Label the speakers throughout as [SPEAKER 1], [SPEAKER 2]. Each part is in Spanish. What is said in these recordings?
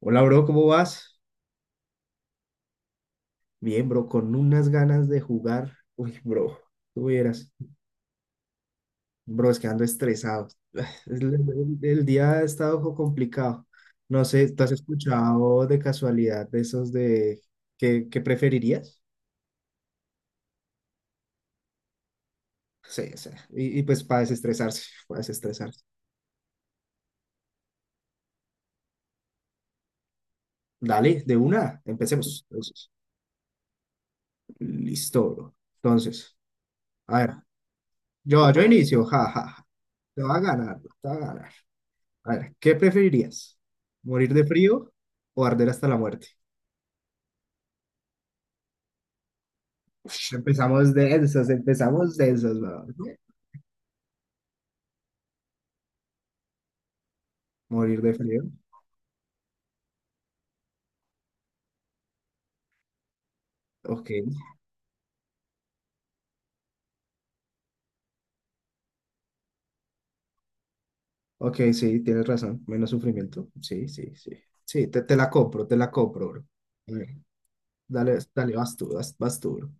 [SPEAKER 1] Hola, bro, ¿cómo vas? Bien, bro, con unas ganas de jugar. Uy, bro, tú vieras. Bro, es que ando estresado. El día ha estado un complicado. No sé, ¿tú has escuchado de casualidad de esos de qué preferirías? Sí, sí. Y pues para desestresarse, para desestresarse. Dale, de una, empecemos. Entonces, listo, bro. Entonces, a ver, yo inicio, ja, ja, ja. Te va a ganar, bro, te va a ganar. A ver, ¿qué preferirías? ¿Morir de frío o arder hasta la muerte? Ush, empezamos densos, empezamos densos, weón. Morir de frío. Ok, ok, sí, tienes razón. Menos sufrimiento. Sí, sí, sí. Sí, te la compro, te la compro, bro. A ver, dale, dale, vas tú, bro.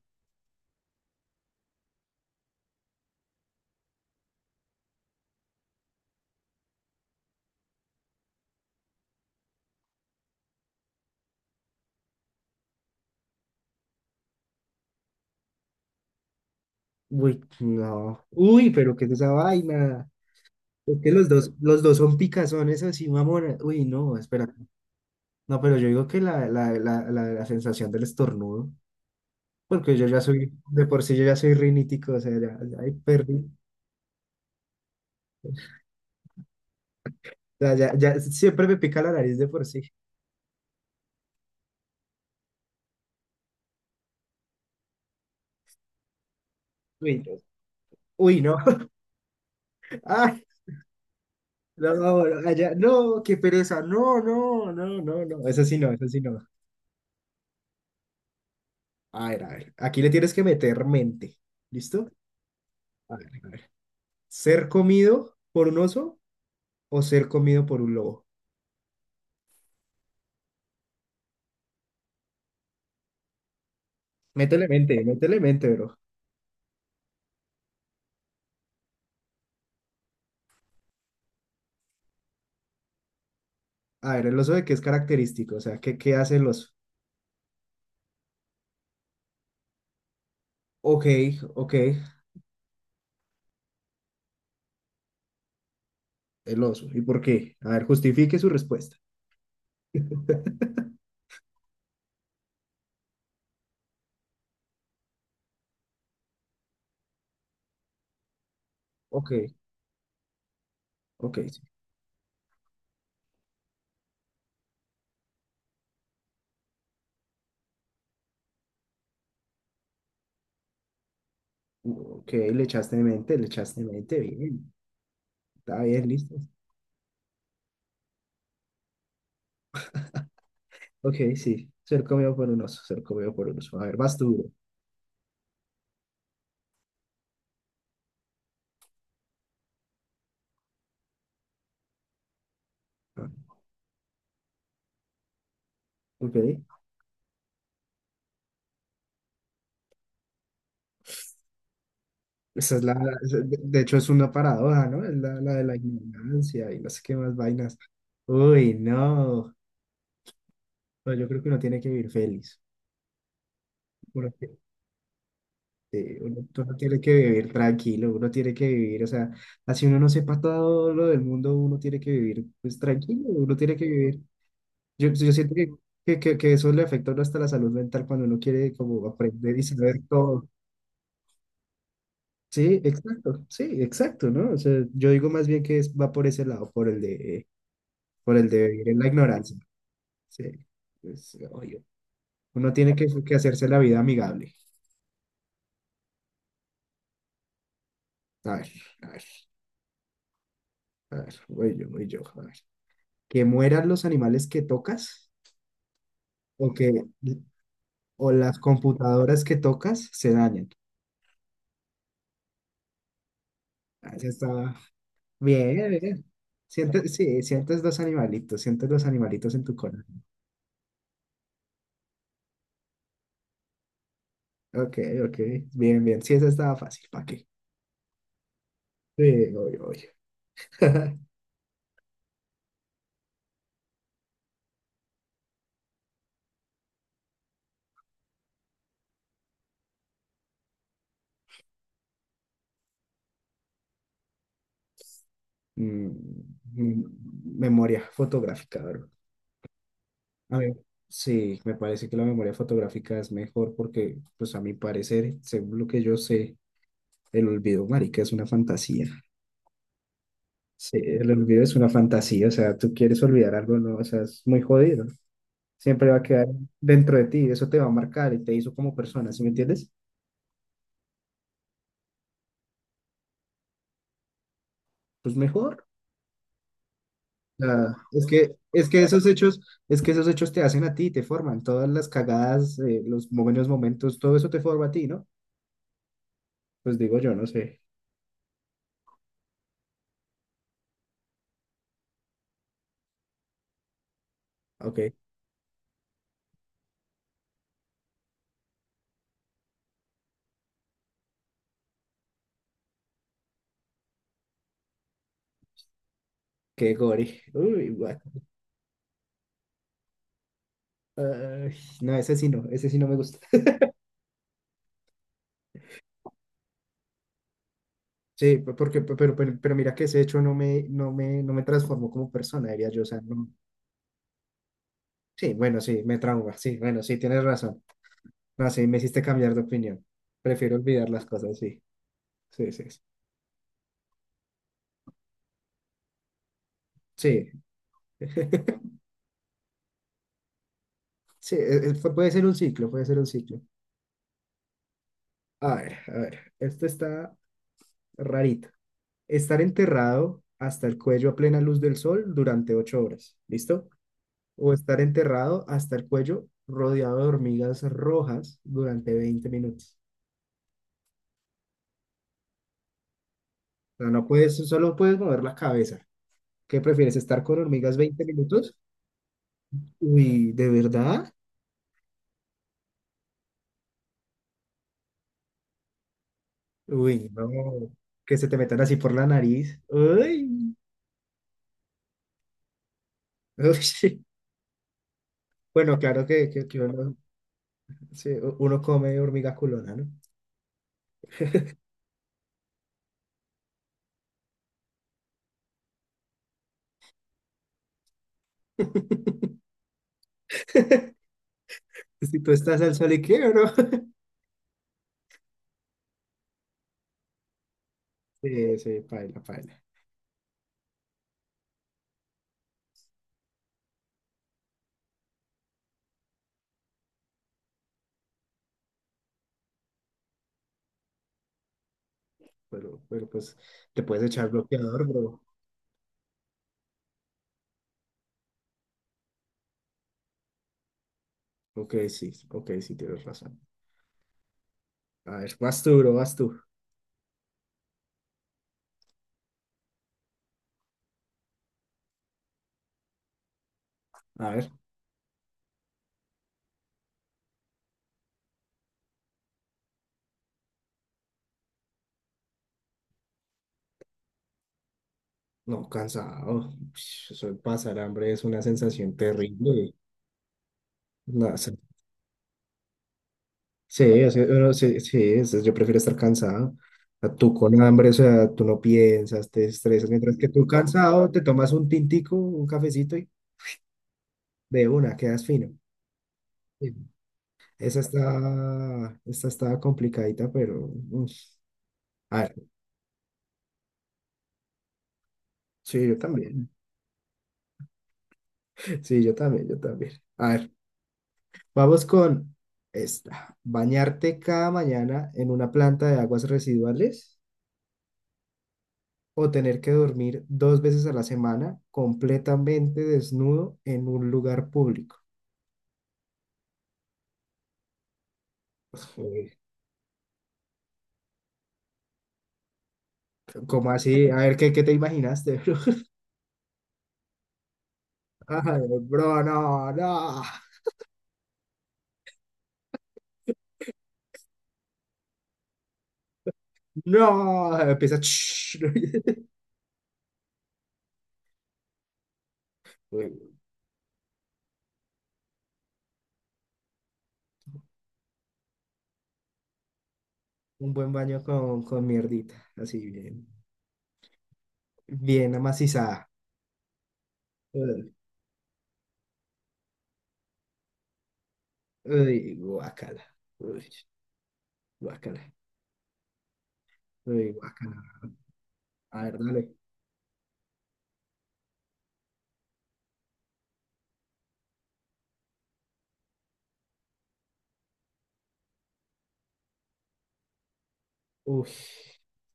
[SPEAKER 1] Uy, no. Uy, pero ¿qué es esa vaina? Es que los dos son picazones así, mamona. Uy, no, espera. No, pero yo digo que la sensación del estornudo. Porque yo ya soy, de por sí yo ya soy rinítico, o sea, ya ahí perdí. O sea, ya siempre me pica la nariz de por sí. Uy, no. Uy, no. Ay, no, no, allá, no, qué pereza. No, no, no, no, no. Eso sí no, eso sí no. A ver, a ver. Aquí le tienes que meter mente. ¿Listo? A ver, a ver. ¿Ser comido por un oso o ser comido por un lobo? Métele mente, bro. A ver, el oso de qué es característico, o sea, ¿qué hace el oso? Ok, ok. El oso. ¿Y por qué? A ver, justifique su respuesta. Ok, ok, sí. Ok, le echaste mente, bien. Está bien, listo. Ok, sí. Ser comido por un oso, ser comido por un oso. A ver, vas tú, bro. Ah, ok. Esa es la, esa- de hecho es una paradoja, ¿no? Es la de la ignorancia y no sé qué más vainas. Uy, no. No, yo creo que uno tiene que vivir feliz. Sí, uno tiene que vivir tranquilo, uno tiene que vivir, o sea, así uno no sepa todo lo del mundo, uno tiene que vivir pues tranquilo, uno tiene que vivir. Yo siento que eso le afecta a uno hasta la salud mental cuando uno quiere como aprender y saber todo. Sí, exacto, sí, exacto, ¿no? O sea, yo digo más bien que es, va por ese lado, por el de vivir en la ignorancia. Sí, pues, obvio. Uno tiene que hacerse la vida amigable. A ver, a ver, a ver, voy yo, a ver. Que mueran los animales que tocas o que o las computadoras que tocas se dañen. Ah, eso está bien, bien. Sientes, sí, sientes los animalitos en tu corazón. Ok, ok, bien, bien. Sí, esa estaba fácil, ¿para qué? Sí, oye, oye. Mm, mm, Memoria fotográfica, bro. A ver, sí, me parece que la memoria fotográfica es mejor porque, pues a mi parecer, según lo que yo sé, el olvido, marica, es una fantasía. Sí, el olvido es una fantasía, o sea, tú quieres olvidar algo, ¿no? O sea, es muy jodido. Siempre va a quedar dentro de ti, eso te va a marcar y te hizo como persona, ¿sí me entiendes? Pues mejor. Ah, es que esos hechos te hacen a ti, te forman, todas las cagadas, los buenos momentos, todo eso te forma a ti, ¿no? Pues digo yo, no sé. Ok, qué gore. Uy, what. Ay, no, ese sí no, ese sí no me gusta. Sí, porque, pero mira que ese hecho no me transformó como persona, diría yo, o sea, no. Sí, bueno, sí, me trauma. Sí, bueno, sí, tienes razón. No, sí, me hiciste cambiar de opinión. Prefiero olvidar las cosas, sí. Sí, sí. Sí. Sí, sí, puede ser un ciclo, puede ser un ciclo. A ver, esto está rarito. Estar enterrado hasta el cuello a plena luz del sol durante 8 horas, ¿listo? O estar enterrado hasta el cuello rodeado de hormigas rojas durante 20 minutos. O sea, no puedes, solo puedes mover la cabeza. ¿Qué prefieres, estar con hormigas 20 minutos? Uy, ¿de verdad? Uy, no, que se te metan así por la nariz. Uy, uy, sí. Bueno, claro que, que uno, sí, uno come hormiga culona, ¿no? Si tú estás al sol y qué, bro. Sí, sí, paila, paila. Pero pues te puedes echar bloqueador, bro. Ok, sí, ok, sí, tienes razón. A ver, vas tú, bro, vas tú. A ver, no, cansado. Ush, eso de pasar hambre es una sensación terrible. No, sí, bueno, sí, sí, yo prefiero estar cansado. O sea, tú con hambre, o sea, tú no piensas, te estresas, mientras que tú cansado te tomas un tintico, un cafecito y de una, quedas fino. Sí. Esta está complicadita, pero. A ver, sí, yo también. Sí, yo también, yo también. A ver, vamos con esta. Bañarte cada mañana en una planta de aguas residuales o tener que dormir dos veces a la semana completamente desnudo en un lugar público. Uy. ¿Cómo así? A ver, ¿qué te imaginaste, bro? Ay, bro, no, no, no. Empieza. "Shh". Uy. Un buen baño con mierdita, así bien, bien amacizada. Uy, uy, guácala, uy, guácala, uy, guácala. A ver, dale. Uy,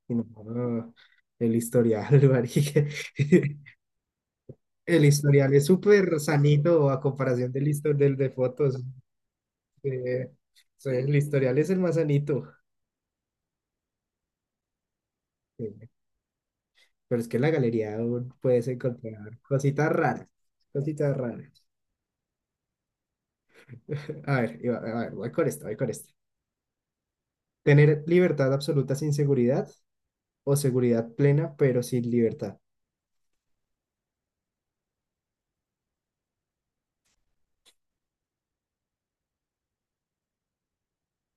[SPEAKER 1] y no, no, el historial, marica. El historial es súper sanito a comparación del de fotos. eh, sí, el historial es el más sanito. eh, pero es que en la galería aún puedes encontrar cositas raras. Cositas raras. A ver, a ver, voy con esto, voy con esto. Tener libertad absoluta sin seguridad o seguridad plena pero sin libertad.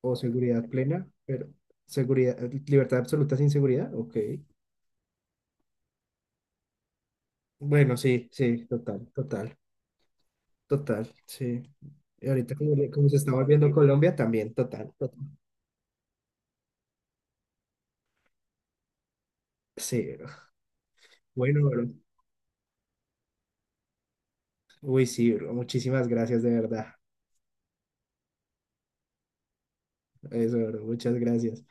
[SPEAKER 1] O seguridad plena, pero seguridad, libertad absoluta sin seguridad. Ok. Bueno, sí, sí, total, total, total, sí. Y ahorita como se está volviendo Colombia, también, total, total. Sí, bro. Bueno, bro. Uy, sí, bro. Muchísimas gracias, de verdad. Eso, bro. Muchas gracias.